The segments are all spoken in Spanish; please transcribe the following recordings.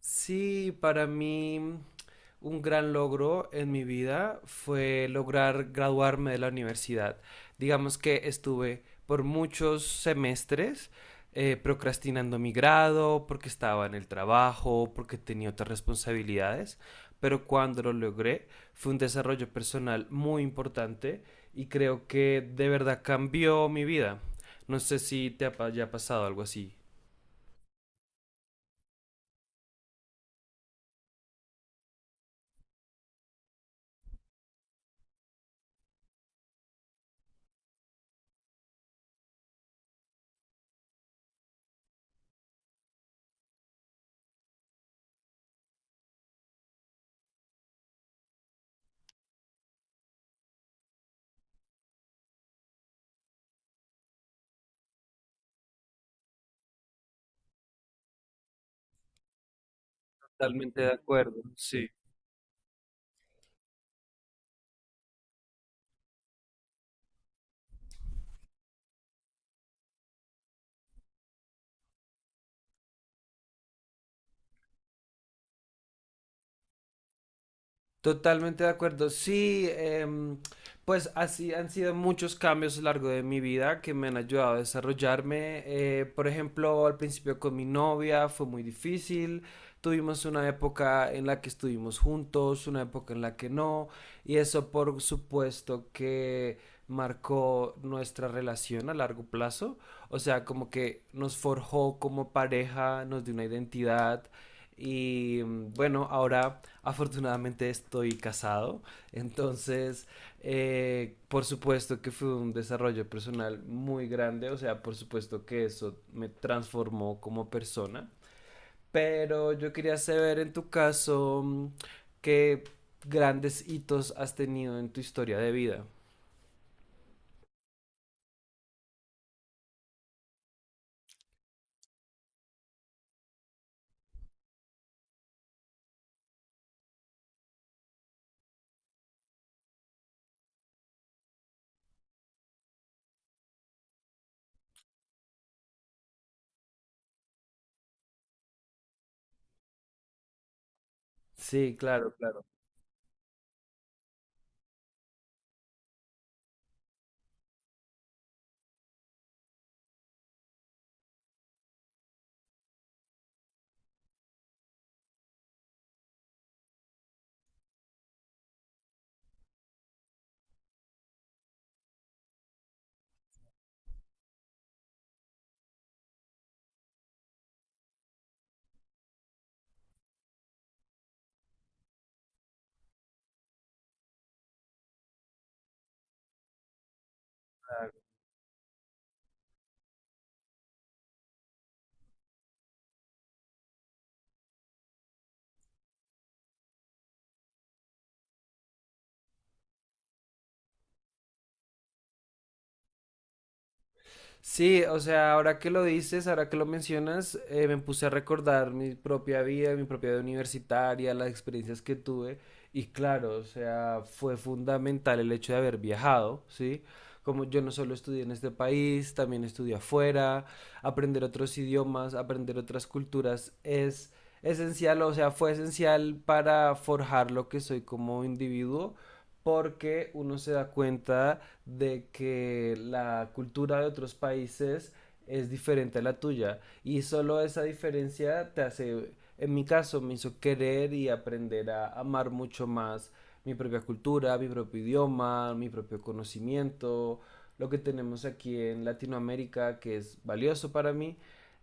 Sí, para mí un gran logro en mi vida fue lograr graduarme de la universidad. Digamos que estuve por muchos semestres procrastinando mi grado porque estaba en el trabajo, porque tenía otras responsabilidades, pero cuando lo logré fue un desarrollo personal muy importante y creo que de verdad cambió mi vida. No sé si haya pasado algo así. Totalmente de acuerdo, sí. Totalmente de acuerdo. Sí, pues así han sido muchos cambios a lo largo de mi vida que me han ayudado a desarrollarme. Por ejemplo, al principio con mi novia fue muy difícil. Tuvimos una época en la que estuvimos juntos, una época en la que no. Y eso por supuesto que marcó nuestra relación a largo plazo. O sea, como que nos forjó como pareja, nos dio una identidad. Y bueno, ahora... Afortunadamente estoy casado, entonces por supuesto que fue un desarrollo personal muy grande, o sea, por supuesto que eso me transformó como persona, pero yo quería saber en tu caso qué grandes hitos has tenido en tu historia de vida. Sí, claro, claro. Sí, o sea, ahora que lo dices, ahora que lo mencionas, me puse a recordar mi propia vida universitaria, las experiencias que tuve. Y claro, o sea, fue fundamental el hecho de haber viajado, ¿sí? Como yo no solo estudié en este país, también estudié afuera, aprender otros idiomas, aprender otras culturas es esencial, o sea, fue esencial para forjar lo que soy como individuo porque uno se da cuenta de que la cultura de otros países es diferente a la tuya y solo esa diferencia te hace, en mi caso, me hizo querer y aprender a amar mucho más mi propia cultura, mi propio idioma, mi propio conocimiento, lo que tenemos aquí en Latinoamérica que es valioso para mí.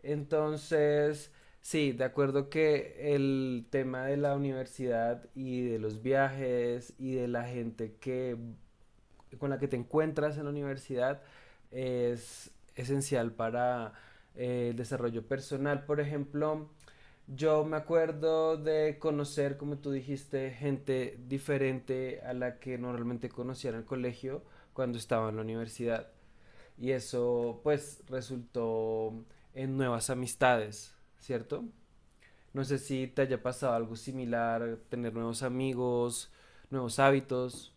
Entonces, sí, de acuerdo que el tema de la universidad y de los viajes y de la gente que con la que te encuentras en la universidad es esencial para el desarrollo personal. Por ejemplo, yo me acuerdo de conocer, como tú dijiste, gente diferente a la que normalmente conocía en el colegio cuando estaba en la universidad. Y eso pues resultó en nuevas amistades, ¿cierto? No sé si te haya pasado algo similar, tener nuevos amigos, nuevos hábitos.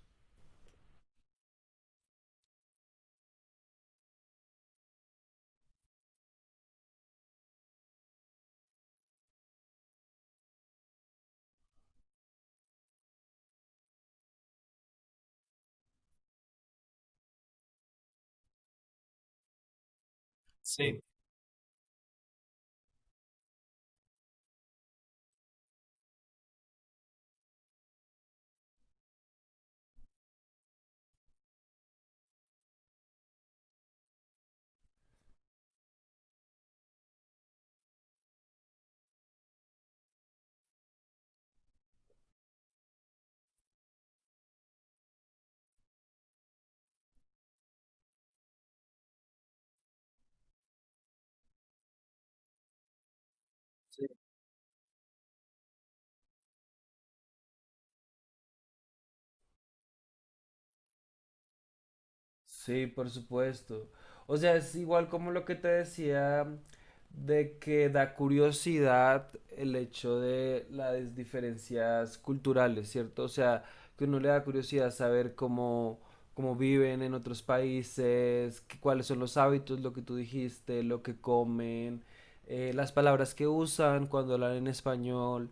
Sí, por supuesto. O sea, es igual como lo que te decía de que da curiosidad el hecho de las diferencias culturales, ¿cierto? O sea, que uno le da curiosidad saber cómo, cómo viven en otros países, cuáles son los hábitos, lo que tú dijiste, lo que comen, las palabras que usan cuando hablan en español.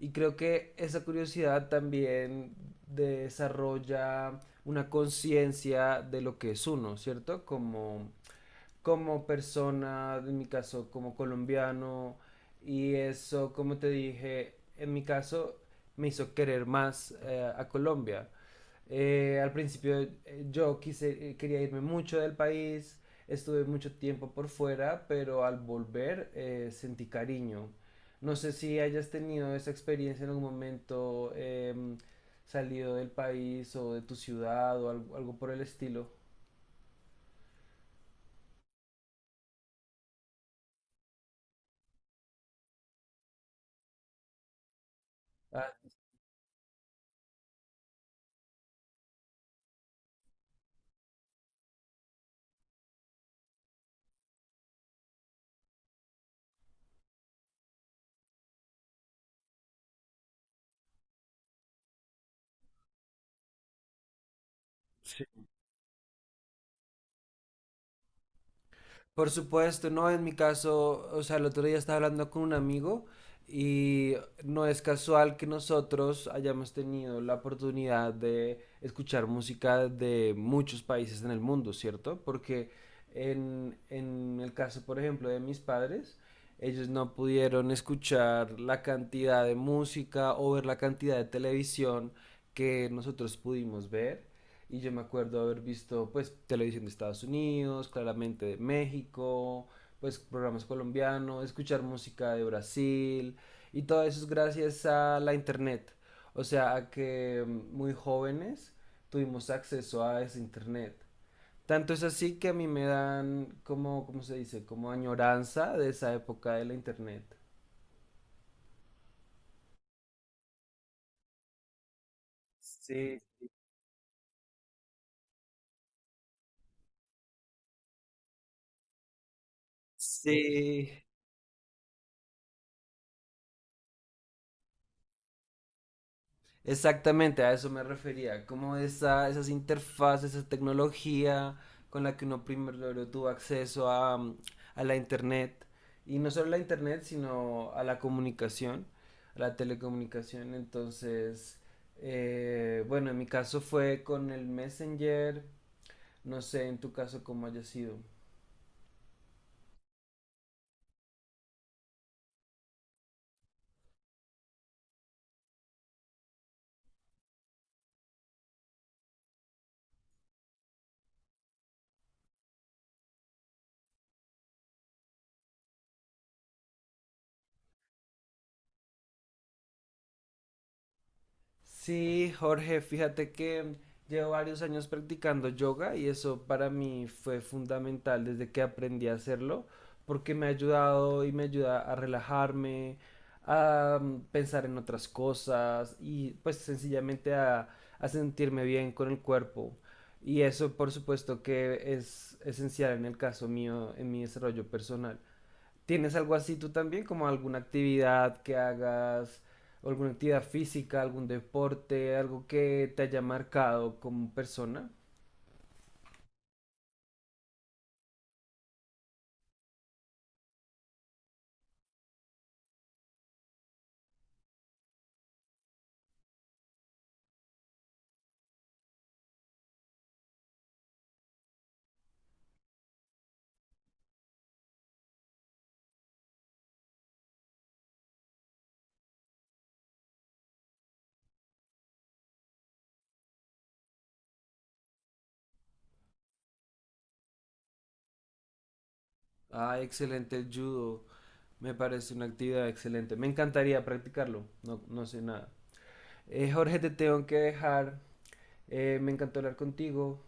Y creo que esa curiosidad también desarrolla una conciencia de lo que es uno, ¿cierto? Como, como persona, en mi caso, como colombiano, y eso, como te dije, en mi caso, me hizo querer más a Colombia. Al principio quería irme mucho del país, estuve mucho tiempo por fuera, pero al volver sentí cariño. No sé si hayas tenido esa experiencia en algún momento, salido del país o de tu ciudad o algo, algo por el estilo. Ah, Por supuesto, no, en mi caso, o sea, el otro día estaba hablando con un amigo y no es casual que nosotros hayamos tenido la oportunidad de escuchar música de muchos países en el mundo, ¿cierto? Porque en el caso, por ejemplo, de mis padres, ellos no pudieron escuchar la cantidad de música o ver la cantidad de televisión que nosotros pudimos ver. Y yo me acuerdo haber visto pues televisión de Estados Unidos, claramente de México, pues programas colombianos, escuchar música de Brasil y todo eso es gracias a la internet. O sea, a que muy jóvenes tuvimos acceso a ese internet. Tanto es así que a mí me dan como, ¿cómo se dice? Como añoranza de esa época de la internet. Sí, sí. Exactamente, a eso me refería, como esa, esas interfaces, esa tecnología con la que uno primero tuvo acceso a, a la internet, y no solo a la internet, sino a la comunicación, a la telecomunicación, entonces, bueno, en mi caso fue con el Messenger, no sé en tu caso cómo haya sido. Sí, Jorge, fíjate que llevo varios años practicando yoga y eso para mí fue fundamental desde que aprendí a hacerlo, porque me ha ayudado y me ayuda a relajarme, a pensar en otras cosas y pues sencillamente a sentirme bien con el cuerpo. Y eso por supuesto que es esencial en el caso mío, en mi desarrollo personal. ¿Tienes algo así tú también? Como alguna actividad que hagas, alguna actividad física, algún deporte, algo que te haya marcado como persona. Ah, excelente el judo. Me parece una actividad excelente. Me encantaría practicarlo. No, no sé nada. Jorge, te tengo que dejar. Me encantó hablar contigo.